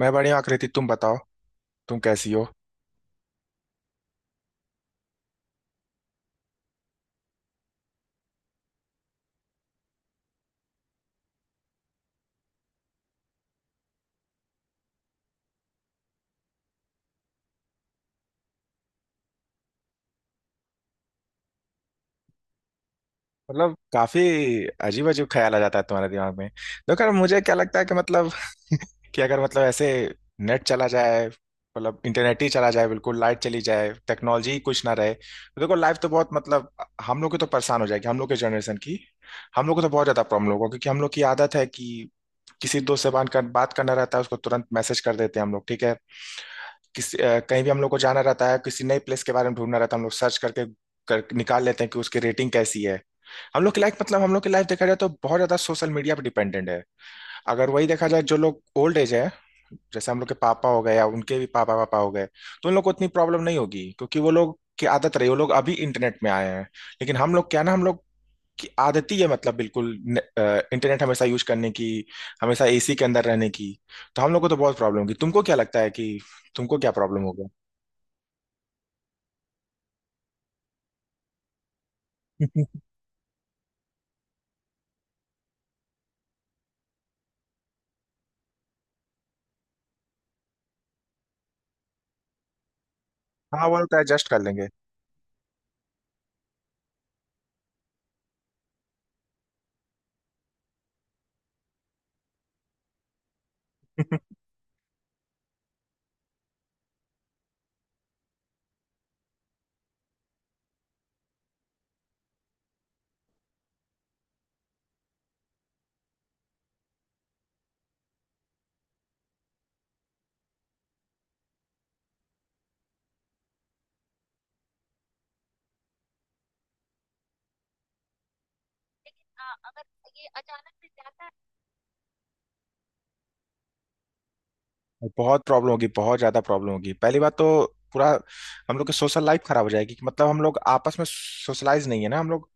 मैं बढ़िया हूँ, आकृति तुम बताओ। तुम कैसी हो? मतलब काफी अजीब अजीब ख्याल आ जाता है तुम्हारे दिमाग में। देखो यार मुझे क्या लगता है कि मतलब कि अगर मतलब ऐसे नेट चला जाए, मतलब इंटरनेट ही चला जाए, बिल्कुल लाइट चली जाए, टेक्नोलॉजी ही कुछ ना रहे तो देखो लाइफ तो बहुत मतलब हम लोग की तो परेशान हो जाएगी, हम लोग के जनरेशन की। हम लोग को तो बहुत ज्यादा प्रॉब्लम होगा क्योंकि हम लोग की आदत है कि किसी दोस्त से बात करना रहता है, उसको तुरंत मैसेज कर देते हैं हम लोग, ठीक है। कहीं भी हम लोग को जाना रहता है, किसी नई प्लेस के बारे में ढूंढना रहता है, हम लोग सर्च करके निकाल लेते हैं कि उसकी रेटिंग कैसी है। हम लोग की लाइफ, मतलब हम लोग की लाइफ देखा जाए तो बहुत ज्यादा सोशल मीडिया पर डिपेंडेंट है। अगर वही देखा जाए जो लोग ओल्ड एज है, जैसे हम लोग के पापा हो गए या उनके भी पापा पापा हो गए, तो उन लोग को उतनी प्रॉब्लम नहीं होगी क्योंकि वो लोग की आदत रही, वो लोग अभी इंटरनेट में आए हैं। लेकिन हम लोग की आदत ही है, मतलब बिल्कुल इंटरनेट हमेशा यूज करने की, हमेशा एसी के अंदर रहने की। तो हम लोग को तो बहुत प्रॉब्लम होगी। तुमको क्या लगता है कि तुमको क्या प्रॉब्लम होगा? हाँ, वो तो एडजस्ट कर लेंगे। बहुत प्रॉब्लम होगी, बहुत ज्यादा प्रॉब्लम होगी। पहली बात तो पूरा हम लोग की सोशल लाइफ खराब हो जाएगी कि मतलब हम लोग आपस में सोशलाइज नहीं है ना, हम लोग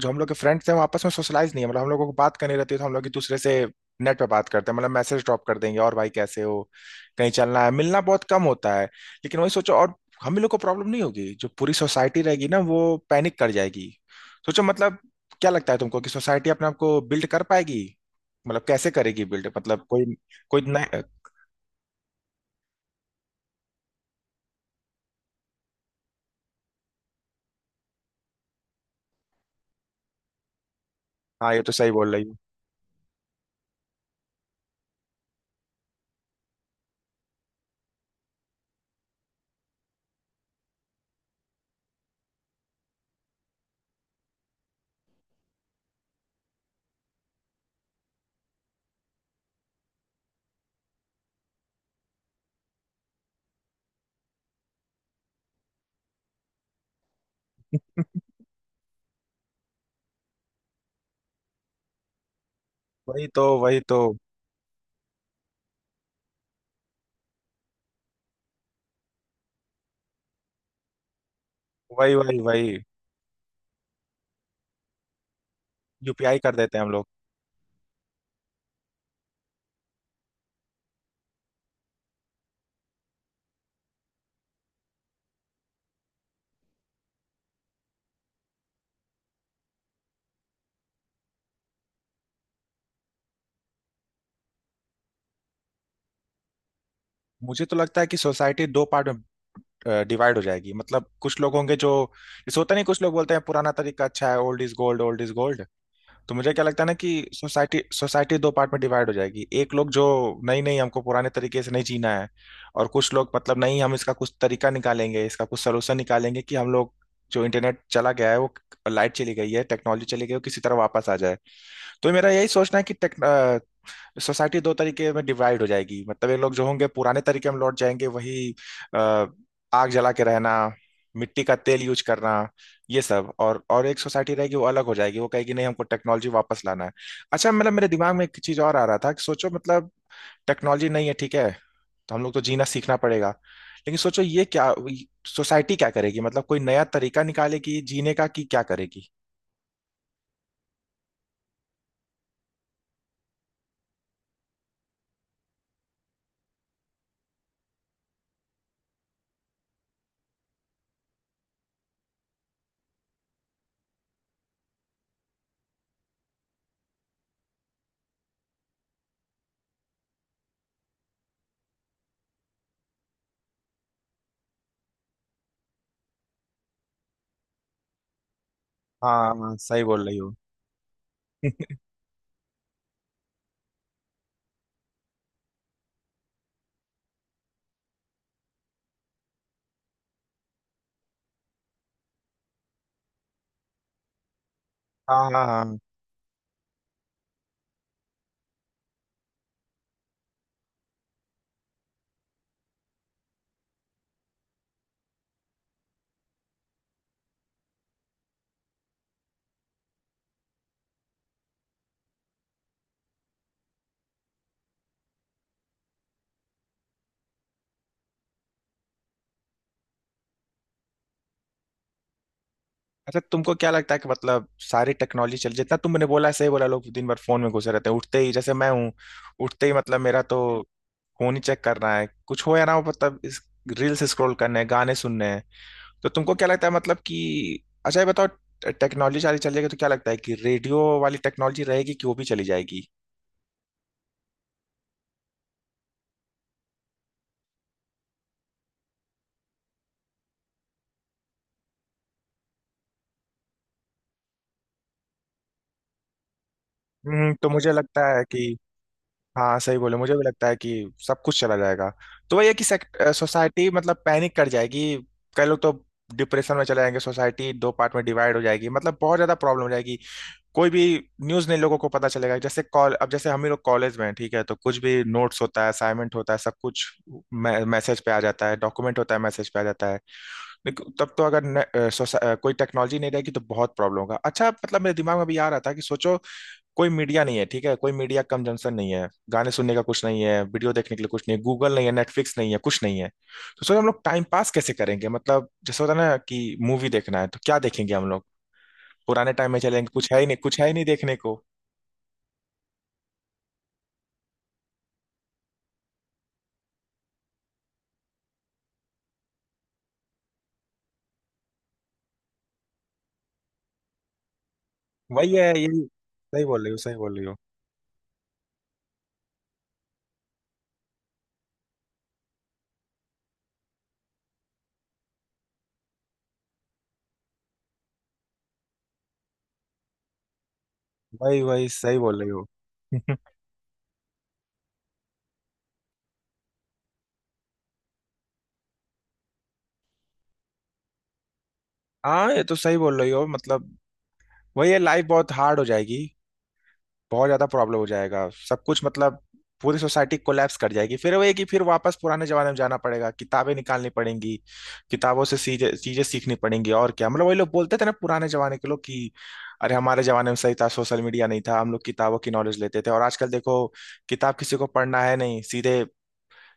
जो हम लोग के फ्रेंड थे वो आपस में सोशलाइज नहीं है। मतलब हम लोगों को बात करनी रहती है तो हम लोग एक दूसरे से नेट पे बात करते हैं, मतलब मैसेज ड्रॉप कर देंगे और भाई कैसे हो, कहीं चलना है, मिलना बहुत कम होता है। लेकिन वही सोचो, और हम ही लोग को प्रॉब्लम नहीं होगी, जो पूरी सोसाइटी रहेगी ना वो पैनिक कर जाएगी। सोचो मतलब। क्या लगता है तुमको कि सोसाइटी अपने आप को बिल्ड कर पाएगी? मतलब कैसे करेगी बिल्ड, मतलब कोई कोई नया। हाँ, ये तो सही बोल रही हूँ। वही तो, वही तो। वही, वही, वही। यूपीआई कर देते हैं हम लोग। मुझे तो लगता है कि सोसाइटी दो पार्ट में डिवाइड हो जाएगी, मतलब कुछ लोग होंगे जो जैसे होता नहीं, कुछ लोग बोलते हैं पुराना तरीका अच्छा है, old is gold, old is gold. तो मुझे क्या लगता है ना कि सोसाइटी सोसाइटी दो पार्ट में डिवाइड हो जाएगी, एक लोग जो नहीं नहीं हमको पुराने तरीके से नहीं जीना है, और कुछ लोग मतलब नहीं, हम इसका कुछ तरीका निकालेंगे, इसका कुछ सोल्यूशन निकालेंगे कि हम लोग जो इंटरनेट चला गया है वो, लाइट चली गई है, टेक्नोलॉजी चली गई है, वो किसी तरह वापस आ जाए। तो मेरा यही सोचना है कि सोसाइटी दो तरीके में डिवाइड हो जाएगी, मतलब ये लोग जो होंगे पुराने तरीके में लौट जाएंगे, वही अ, आग जला के रहना, मिट्टी का तेल यूज करना, ये सब, और एक सोसाइटी रहेगी वो अलग हो जाएगी, वो कहेगी नहीं हमको टेक्नोलॉजी वापस लाना है। अच्छा मतलब मेरे दिमाग में एक चीज और आ रहा था कि सोचो मतलब टेक्नोलॉजी नहीं है, ठीक है, तो हम लोग तो जीना सीखना पड़ेगा। लेकिन सोचो ये क्या, सोसाइटी क्या करेगी, मतलब कोई नया तरीका निकालेगी जीने का, कि क्या करेगी? हाँ हाँ, सही बोल रही हो। हाँ हाँ हाँ। अच्छा तुमको क्या लगता है कि मतलब सारी टेक्नोलॉजी चल, जितना तुमने बोला है, सही बोला, लोग दिन भर फोन में घुसे रहते हैं, उठते ही जैसे मैं हूँ, उठते ही मतलब मेरा तो फोन ही चेक करना है, कुछ हो या ना हो, मतलब इस रील्स स्क्रॉल करने हैं, गाने सुनने हैं। तो तुमको क्या लगता है मतलब कि, अच्छा ये बताओ, टेक्नोलॉजी सारी चल जाएगी तो क्या लगता है कि रेडियो वाली टेक्नोलॉजी रहेगी कि वो भी चली जाएगी? हम्म, तो मुझे लगता है कि, हाँ सही बोले, मुझे भी लगता है कि सब कुछ चला जाएगा। तो वही है कि सोसाइटी मतलब पैनिक कर जाएगी, कई लोग तो डिप्रेशन में चले जाएंगे, सोसाइटी दो पार्ट में डिवाइड हो जाएगी, मतलब बहुत ज्यादा प्रॉब्लम हो जाएगी, कोई भी न्यूज नहीं लोगों को पता चलेगा। जैसे कॉल, अब जैसे हम ही लोग कॉलेज में हैं, ठीक है, तो कुछ भी नोट्स होता है, असाइनमेंट होता है, सब कुछ मैसेज पे आ जाता है, डॉक्यूमेंट होता है मैसेज पे आ जाता है। लेकिन तब तो अगर न, अ, सोसा- अ, कोई टेक्नोलॉजी नहीं रहेगी तो बहुत प्रॉब्लम होगा। अच्छा मतलब मेरे दिमाग में भी आ रहा था कि सोचो कोई मीडिया नहीं है, ठीक है, कोई मीडिया कंजम्पशन नहीं है, गाने सुनने का कुछ नहीं है, वीडियो देखने के लिए कुछ नहीं है, गूगल नहीं है, नेटफ्लिक्स नहीं है, कुछ नहीं है। तो सर हम लोग टाइम पास कैसे करेंगे? मतलब जैसे होता है ना कि मूवी देखना है तो क्या देखेंगे हम लोग, पुराने टाइम में चलेंगे, कुछ है ही नहीं, कुछ है ही नहीं देखने को। वही है, यही। सही बोल रही हो, सही बोल रही हो। वही वही, सही बोल रही हो। हाँ, ये तो सही बोल रही हो मतलब वही है, लाइफ बहुत हार्ड हो जाएगी, बहुत ज्यादा प्रॉब्लम हो जाएगा सब कुछ, मतलब पूरी सोसाइटी कोलैप्स कर जाएगी, फिर वो एक ही फिर वापस पुराने जमाने में जाना पड़ेगा, किताबें निकालनी पड़ेंगी, किताबों से चीजें चीजें सीखनी पड़ेंगी, और क्या मतलब वही लोग बोलते थे ना पुराने जमाने के लोग कि अरे हमारे जमाने में सही था, सोशल मीडिया नहीं था, हम लोग किताबों की नॉलेज लेते थे, और आजकल देखो किताब किसी को पढ़ना है नहीं, सीधे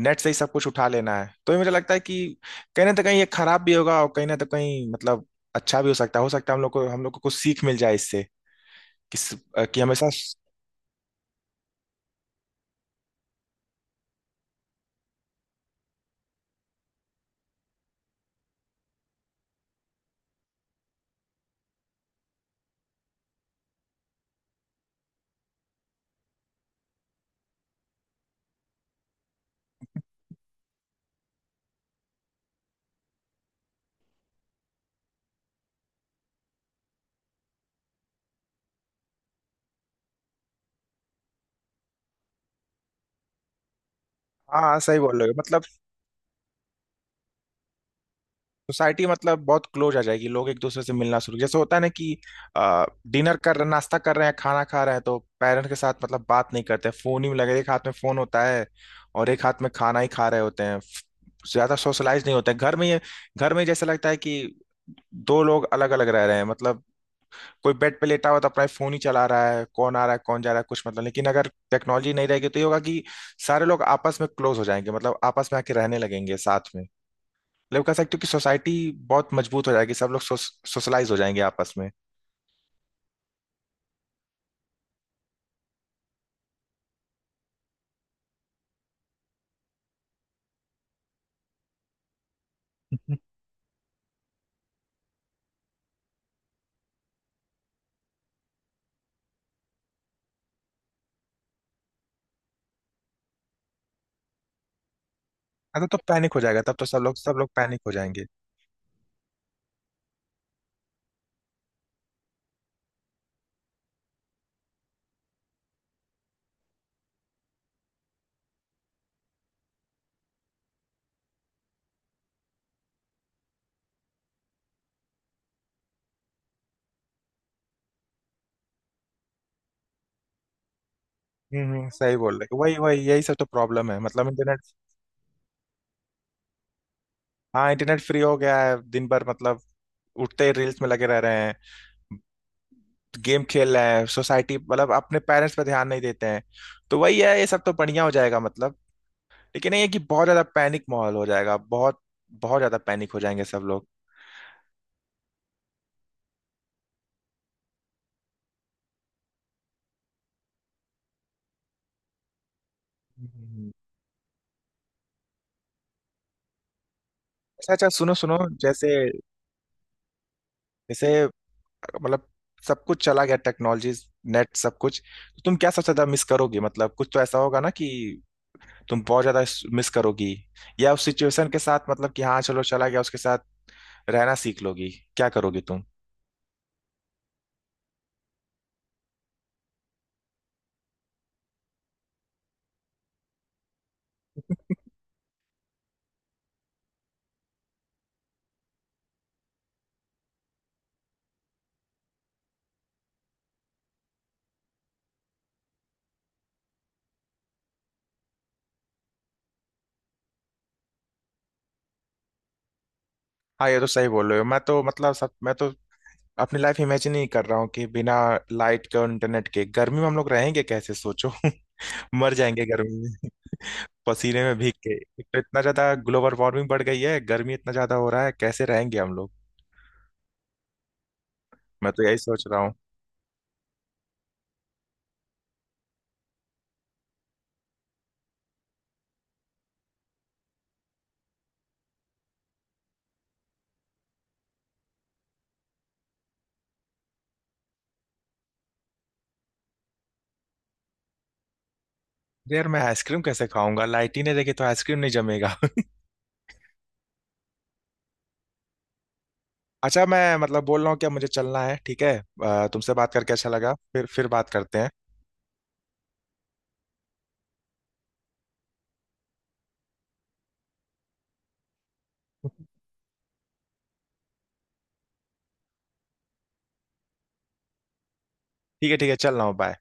नेट से ही सब कुछ उठा लेना है। तो ये मुझे लगता है कि कहीं ना तो कहीं ये खराब भी होगा, और कहीं ना तो कहीं मतलब अच्छा भी हो सकता है, हो सकता है हम लोग को, हम लोग को कुछ सीख मिल जाए इससे कि हमेशा। हाँ हाँ, सही बोल रहे हो मतलब सोसाइटी मतलब बहुत क्लोज आ जाएगी, लोग एक दूसरे से मिलना शुरू, जैसे होता है ना कि डिनर कर रहे, नाश्ता कर रहे हैं, खाना खा रहे हैं तो पेरेंट्स के साथ मतलब बात नहीं करते, फोन ही में लगे, एक हाथ में फोन होता है और एक हाथ में खाना ही खा रहे होते हैं, ज्यादा सोशलाइज नहीं होते हैं घर में, ये घर में जैसा लगता है कि दो लोग अलग अलग रह रहे हैं, मतलब कोई बेड पे लेटा हुआ तो अपना फोन ही चला रहा है, कौन आ रहा है, कौन जा रहा है, कुछ मतलब, लेकिन अगर टेक्नोलॉजी नहीं रहेगी तो ये होगा कि सारे लोग आपस में क्लोज हो जाएंगे, मतलब आपस में आके रहने लगेंगे साथ में, मतलब कह सकते हो कि सोसाइटी बहुत मजबूत हो जाएगी, सब लोग सोशलाइज हो जाएंगे आपस में। अरे तो पैनिक हो जाएगा तब तो, सब लोग पैनिक हो जाएंगे। सही बोल रहे हो। वही वही, यही सब तो प्रॉब्लम है मतलब इंटरनेट। हाँ, इंटरनेट फ्री हो गया है, दिन भर मतलब उठते ही रील्स में लगे रह रहे हैं, गेम खेल रहे हैं, सोसाइटी मतलब अपने पेरेंट्स पर ध्यान नहीं देते हैं। तो वही है, ये सब तो बढ़िया हो जाएगा मतलब, लेकिन ये है कि बहुत ज्यादा पैनिक माहौल हो जाएगा, बहुत बहुत ज्यादा पैनिक हो जाएंगे सब लोग। हम्म। अच्छा अच्छा, सुनो सुनो। जैसे जैसे मतलब सब कुछ चला गया, टेक्नोलॉजी, नेट सब कुछ, तो तुम क्या सबसे ज्यादा मिस करोगी? मतलब कुछ तो ऐसा होगा ना कि तुम बहुत ज्यादा मिस करोगी, या उस सिचुएशन के साथ मतलब कि हाँ चलो चला गया, उसके साथ रहना सीख लोगी, क्या करोगी तुम? हाँ ये तो सही बोल रहे हो, मैं तो मतलब सब, मैं तो अपनी लाइफ इमेजिन ही कर रहा हूँ कि बिना लाइट के और इंटरनेट के गर्मी में हम लोग रहेंगे कैसे, सोचो। मर जाएंगे गर्मी में, पसीने में भीग के, एक तो इतना ज्यादा ग्लोबल वार्मिंग बढ़ गई है, गर्मी इतना ज्यादा हो रहा है, कैसे रहेंगे हम लोग। मैं तो यही सोच रहा हूँ। यार मैं आइसक्रीम कैसे खाऊंगा, लाइटिन है देखिए तो आइसक्रीम नहीं जमेगा। अच्छा मैं मतलब बोल रहा हूँ कि अब मुझे चलना है, ठीक है, तुमसे बात करके अच्छा लगा, फिर बात करते हैं। ठीक है ठीक है, चल रहा हूँ, बाय।